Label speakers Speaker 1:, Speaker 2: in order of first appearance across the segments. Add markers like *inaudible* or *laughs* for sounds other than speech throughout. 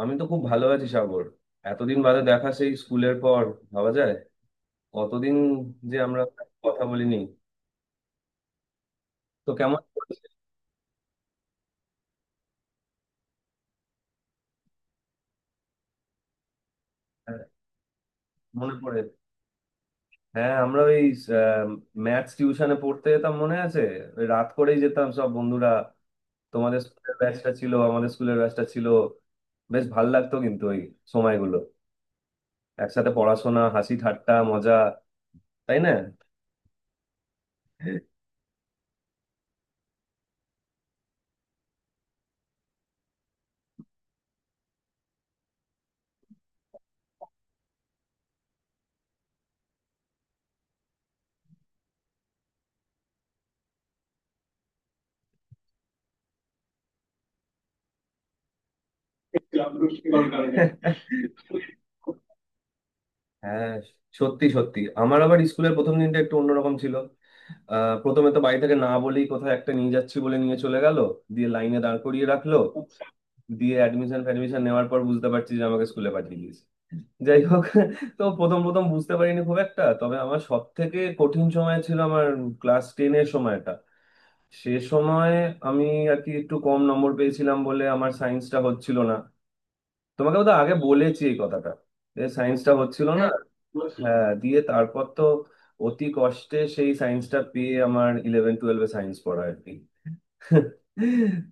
Speaker 1: আমি তো খুব ভালো আছি সাগর। এতদিন বাদে দেখা, সেই স্কুলের পর। ভাবা যায়? কতদিন যে আমরা কথা বলিনি। তো কেমন চলছে? হ্যাঁ, মনে পড়ে। হ্যাঁ, আমরা ওই ম্যাথস টিউশনে পড়তে যেতাম, মনে আছে? ওই রাত করেই যেতাম সব বন্ধুরা। তোমাদের স্কুলের ব্যাচটা ছিল, আমাদের স্কুলের ব্যাচটা ছিল। বেশ ভাল লাগতো কিন্তু ওই সময়গুলো, একসাথে পড়াশোনা, হাসি ঠাট্টা মজা, তাই না? *laughs* হ্যাঁ, সত্যি সত্যি আমার আবার স্কুলের প্রথম দিনটা একটু অন্যরকম ছিল। প্রথমে তো বাড়ি থেকে না বলেই কোথাও একটা নিয়ে যাচ্ছি বলে নিয়ে চলে গেল। দিয়ে লাইনে দাঁড় করিয়ে রাখলো। দিয়ে অ্যাডমিশন ফ্যাডমিশন নেওয়ার পর বুঝতে পারছি যে আমাকে স্কুলে পাঠিয়ে দিয়েছে। যাই হোক, তো প্রথম প্রথম বুঝতে পারিনি খুব একটা, তবে আমার সব থেকে কঠিন সময় ছিল আমার ক্লাস টেনের সময়টা। সে সময় আমি আর কি একটু কম নম্বর পেয়েছিলাম বলে আমার সায়েন্সটা হচ্ছিল না। তোমাকে তো আগে বলেছি এই কথাটা, যে সায়েন্সটা হচ্ছিল না, হ্যাঁ বলেছি। হ্যাঁ, দিয়ে তারপর তো অতি কষ্টে সেই সায়েন্সটা পেয়ে আমার ইলেভেন টুয়েলভে সায়েন্স পড়া আর কি।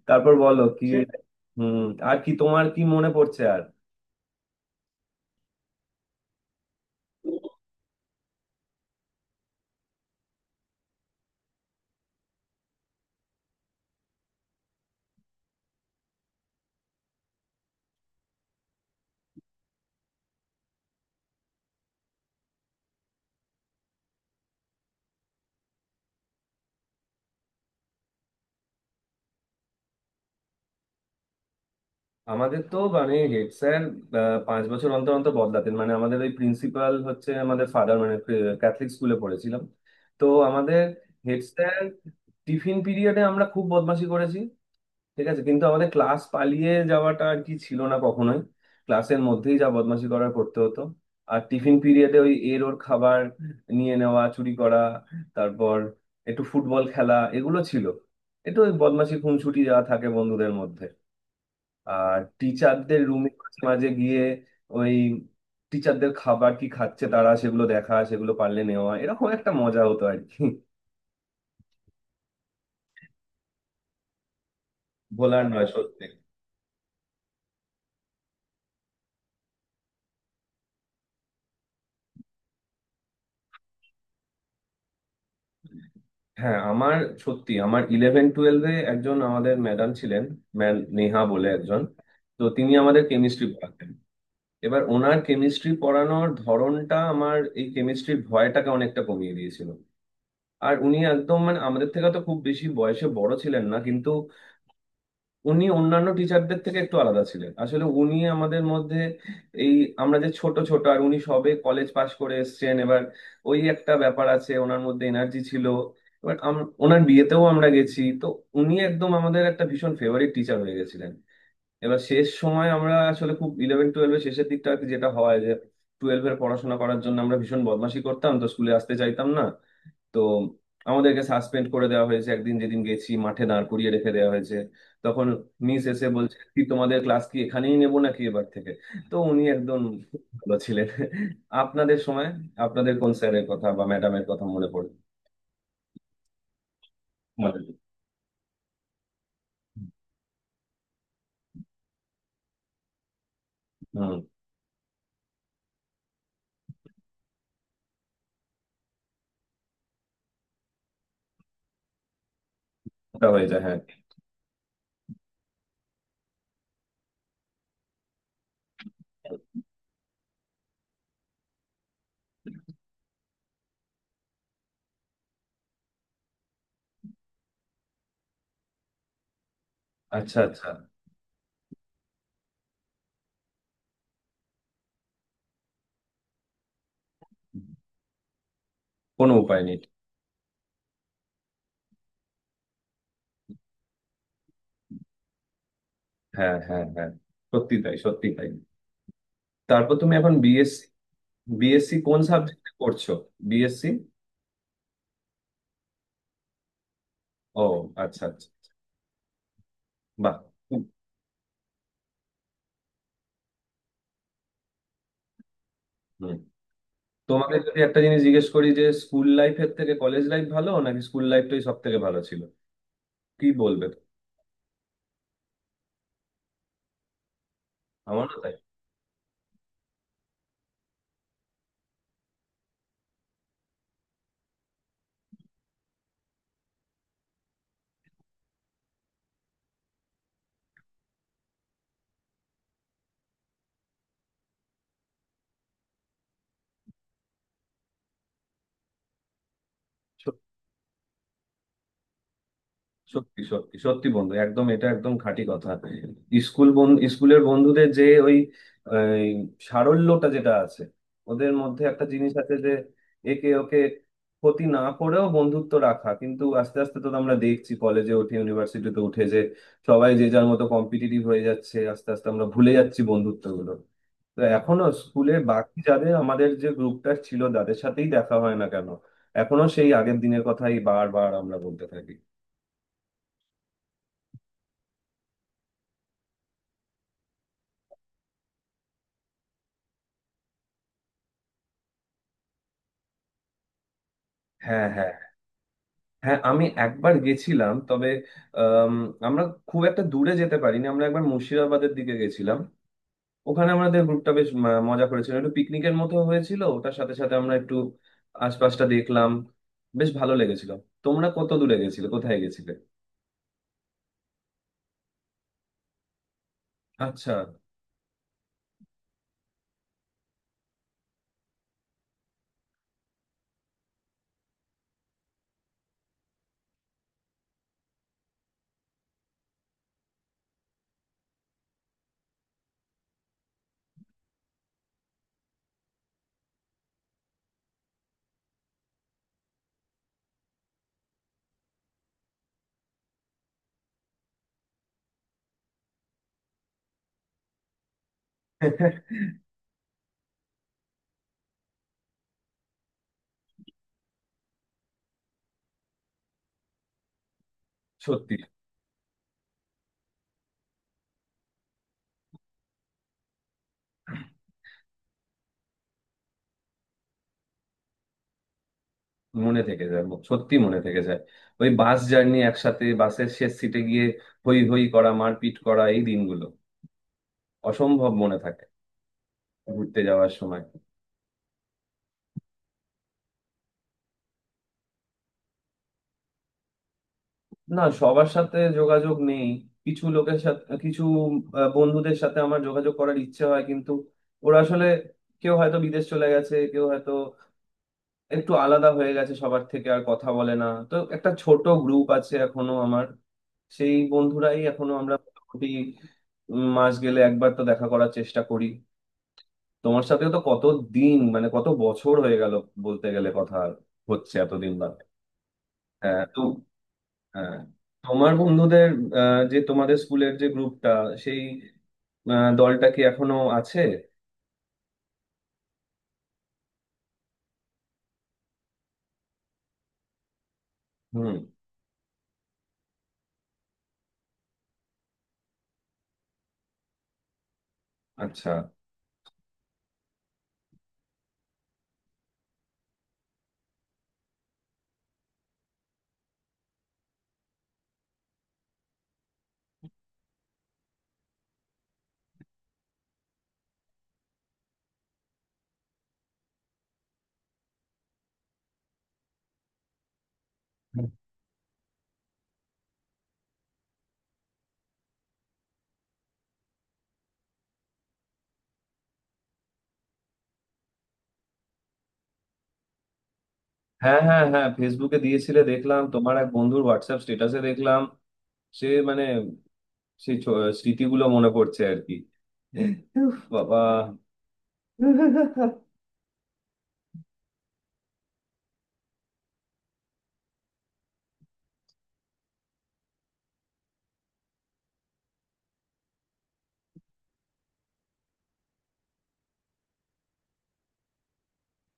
Speaker 1: তারপর বলো কি সে। হুম। আর কি তোমার কি মনে পড়ছে আর? আমাদের তো মানে হেড স্যার পাঁচ বছর অন্তর অন্তর বদলাতেন, মানে আমাদের ওই প্রিন্সিপাল হচ্ছে আমাদের ফাদার, মানে ক্যাথলিক স্কুলে পড়েছিলাম। তো আমাদের হেড স্যার। টিফিন পিরিয়ডে আমরা খুব বদমাশি করেছি ঠিক আছে, কিন্তু আমাদের ক্লাস পালিয়ে যাওয়াটা আর কি ছিল না কখনোই। ক্লাসের মধ্যেই যা বদমাশি করার করতে হতো। আর টিফিন পিরিয়ডে ওই এর ওর খাবার নিয়ে নেওয়া, চুরি করা, তারপর একটু ফুটবল খেলা, এগুলো ছিল। একটু ওই বদমাশি খুনসুটি যা থাকে বন্ধুদের মধ্যে। আর টিচারদের রুমে মাঝে মাঝে গিয়ে ওই টিচারদের খাবার কি খাচ্ছে তারা সেগুলো দেখা, সেগুলো পারলে নেওয়া, এরকম একটা মজা হতো আর কি। ভোলার নয়, সত্যি। হ্যাঁ, আমার সত্যি আমার ইলেভেন টুয়েলভে একজন আমাদের ম্যাডাম ছিলেন, ম্যাম নেহা বলে একজন। তো তিনি আমাদের কেমিস্ট্রি পড়াতেন। এবার ওনার কেমিস্ট্রি পড়ানোর ধরনটা আমার এই কেমিস্ট্রির ভয়টাকে অনেকটা কমিয়ে দিয়েছিল। আর উনি একদম মানে আমাদের থেকে তো খুব বেশি বয়সে বড় ছিলেন না, কিন্তু উনি অন্যান্য টিচারদের থেকে একটু আলাদা ছিলেন। আসলে উনি আমাদের মধ্যে এই আমরা যে ছোট ছোট আর উনি সবে কলেজ পাশ করে এসেছেন এবার, ওই একটা ব্যাপার আছে ওনার মধ্যে, এনার্জি ছিল। এবার ওনার বিয়েতেও আমরা গেছি তো। উনি একদম আমাদের একটা ভীষণ ফেভারিট টিচার হয়ে গেছিলেন। এবার শেষ সময় আমরা আসলে খুব ইলেভেন টুয়েলভের শেষের দিকটা আর কি, যেটা হয় যে টুয়েলভের পড়াশোনা করার জন্য আমরা ভীষণ বদমাশি করতাম তো স্কুলে আসতে চাইতাম না। তো আমাদেরকে সাসপেন্ড করে দেওয়া হয়েছে একদিন, যেদিন গেছি মাঠে দাঁড় করিয়ে রেখে দেওয়া হয়েছে। তখন মিস এসে বলছে কি, তোমাদের ক্লাস কি এখানেই নেবো নাকি এবার থেকে? তো উনি একদম খুব ভালো ছিলেন। আপনাদের সময় আপনাদের কোন স্যারের কথা বা ম্যাডামের কথা মনে পড়ে? মানে। হম। ওটা হয়ে যায়, হ্যাঁ। আচ্ছা আচ্ছা। কোনো উপায় নেই। হ্যাঁ হ্যাঁ হ্যাঁ, সত্যি তাই, সত্যি তাই। তারপর তুমি এখন বিএসসি, বিএসসি কোন সাবজেক্টে করছো? বিএসসি। ও আচ্ছা আচ্ছা। বাহ। হুম। তোমাকে যদি একটা জিনিস জিজ্ঞেস করি, যে স্কুল লাইফের থেকে কলেজ লাইফ ভালো নাকি স্কুল লাইফটাই সব থেকে ভালো ছিল, কি বলবে? আমার না তাই। সত্যি সত্যি সত্যি বন্ধু, একদম এটা একদম খাঁটি কথা। স্কুলের বন্ধুদের যে ওই এই সারল্যটা যেটা আছে, ওদের মধ্যে একটা জিনিস আছে যে একে ওকে ক্ষতি না করেও বন্ধুত্ব রাখা। কিন্তু আস্তে আস্তে তো আমরা দেখছি কলেজে উঠে, ইউনিভার্সিটিতে উঠে যে সবাই যে যার মতো কম্পিটিটিভ হয়ে যাচ্ছে, আস্তে আস্তে আমরা ভুলে যাচ্ছি বন্ধুত্বগুলো। তো এখনো স্কুলের বাকি যাদের আমাদের যে গ্রুপটা ছিল তাদের সাথেই দেখা হয় না কেন, এখনো সেই আগের দিনের কথাই বারবার আমরা বলতে থাকি। হ্যাঁ হ্যাঁ হ্যাঁ, আমি একবার গেছিলাম তবে আম, আমরা খুব একটা দূরে যেতে পারিনি। আমরা একবার মুর্শিদাবাদের দিকে গেছিলাম। ওখানে আমাদের গ্রুপটা বেশ মজা করেছিল, একটু পিকনিকের মতো হয়েছিল। ওটার সাথে সাথে আমরা একটু আশপাশটা দেখলাম, বেশ ভালো লেগেছিল। তোমরা কত দূরে গেছিলে, কোথায় গেছিলে? আচ্ছা। *laughs* সত্যি মনে থেকে যায়, সত্যি মনে থেকে যায়। ওই বাস জার্নি একসাথে, বাসের শেষ সিটে গিয়ে হই হই করা, মারপিট করা, এই দিনগুলো অসম্ভব মনে থাকে। ঘুরতে যাওয়ার সময়। না, সবার সাথে যোগাযোগ নেই, কিছু লোকের সাথে কিছু বন্ধুদের সাথে আমার যোগাযোগ করার ইচ্ছে হয়, কিন্তু ওরা আসলে কেউ হয়তো বিদেশ চলে গেছে, কেউ হয়তো একটু আলাদা হয়ে গেছে সবার থেকে, আর কথা বলে না। তো একটা ছোট গ্রুপ আছে এখনো আমার, সেই বন্ধুরাই এখনো আমরা মোটামুটি মাস গেলে একবার তো দেখা করার চেষ্টা করি। তোমার সাথেও তো কত দিন, মানে কত বছর হয়ে গেল বলতে গেলে, কথা হচ্ছে এতদিন বাদে। হ্যাঁ তো। হ্যাঁ। তোমার বন্ধুদের যে তোমাদের স্কুলের যে গ্রুপটা, সেই দলটা কি এখনো আছে? হুম। আচ্ছা। হ্যাঁ হ্যাঁ হ্যাঁ, ফেসবুকে দিয়েছিলে দেখলাম, তোমার এক বন্ধুর হোয়াটসঅ্যাপ স্ট্যাটাসে দেখলাম। সে মানে সেই স্মৃতিগুলো মনে পড়ছে আর কি। বাবা।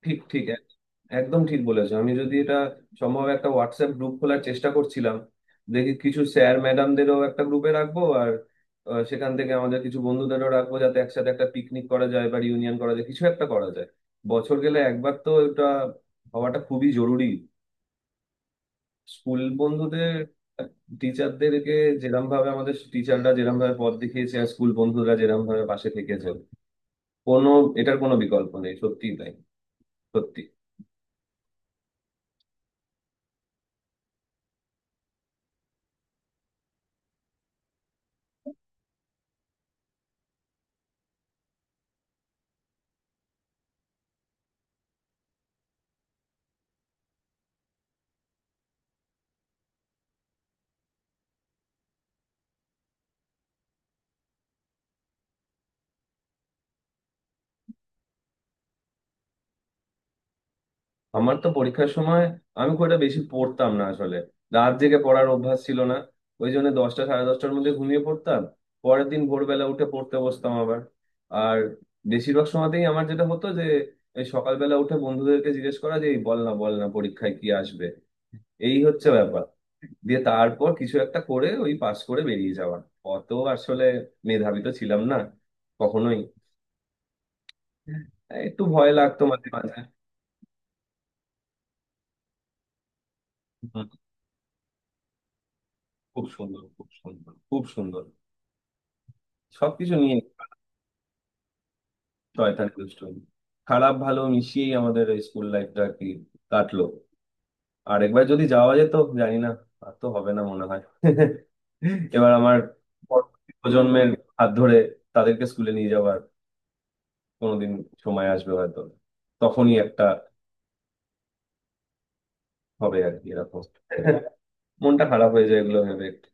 Speaker 1: ঠিক ঠিক একদম ঠিক বলেছো। আমি যদি এটা সম্ভব একটা হোয়াটসঅ্যাপ গ্রুপ খোলার চেষ্টা করছিলাম। দেখি কিছু স্যার ম্যাডামদেরও একটা গ্রুপে রাখবো আর সেখান থেকে আমাদের কিছু বন্ধুদেরও রাখবো, যাতে একসাথে একটা পিকনিক করা যায় বা ইউনিয়ন করা যায়, কিছু একটা করা যায়। বছর গেলে একবার তো এটা হওয়াটা খুবই জরুরি। স্কুল বন্ধুদের, টিচারদেরকে যেরম ভাবে আমাদের টিচাররা যেরম ভাবে পথ দেখিয়েছে আর স্কুল বন্ধুরা যেরম ভাবে পাশে থেকেছে, কোনো এটার কোনো বিকল্প নেই। সত্যিই তাই, সত্যি। আমার তো পরীক্ষার সময় আমি খুব একটা বেশি পড়তাম না আসলে। রাত জেগে পড়ার অভ্যাস ছিল না, ওই জন্য দশটা সাড়ে দশটার মধ্যে ঘুমিয়ে পড়তাম। পরের দিন ভোরবেলা উঠে পড়তে বসতাম আবার। আর বেশিরভাগ সময়তেই আমার যেটা হতো যে এই সকালবেলা উঠে বন্ধুদেরকে জিজ্ঞেস করা যে এই বল না বল না পরীক্ষায় কি আসবে, এই হচ্ছে ব্যাপার। দিয়ে তারপর কিছু একটা করে ওই পাস করে বেরিয়ে যাওয়া। অত আসলে মেধাবী তো ছিলাম না কখনোই, একটু ভয় লাগতো মাঝে মাঝে। হুম, খুব সুন্দর, খুব সুন্দর, খুব সুন্দর, সবকিছু নিয়ে। শয়তানি দুষ্টুমি, খারাপ ভালো মিশিয়েই আমাদের এই স্কুল লাইফটা আর কি কাটলো। আর একবার যদি যাওয়া যেত, জানি না, আর তো হবে না মনে হয়। এবার আমার পরবর্তী প্রজন্মের হাত ধরে তাদেরকে স্কুলে নিয়ে যাওয়ার কোনোদিন সময় আসবে হয়তো, তখনই একটা হবে আর কি এরকম। মনটা খারাপ হয়ে যায় এগুলো ভেবে একটু।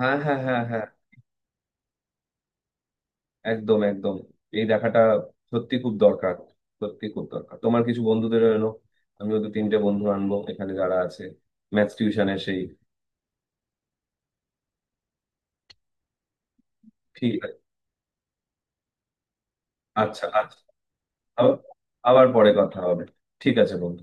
Speaker 1: হ্যাঁ হ্যাঁ হ্যাঁ হ্যাঁ, একদম একদম। এই দেখাটা সত্যি খুব দরকার, সত্যি খুব দরকার। তোমার কিছু বন্ধুদের এলো, আমিও দু তিনটে বন্ধু আনবো এখানে যারা আছে ম্যাথস টিউশনের সেই। ঠিক আছে। আচ্ছা আচ্ছা, আবার আবার পরে কথা হবে। ঠিক আছে বন্ধু।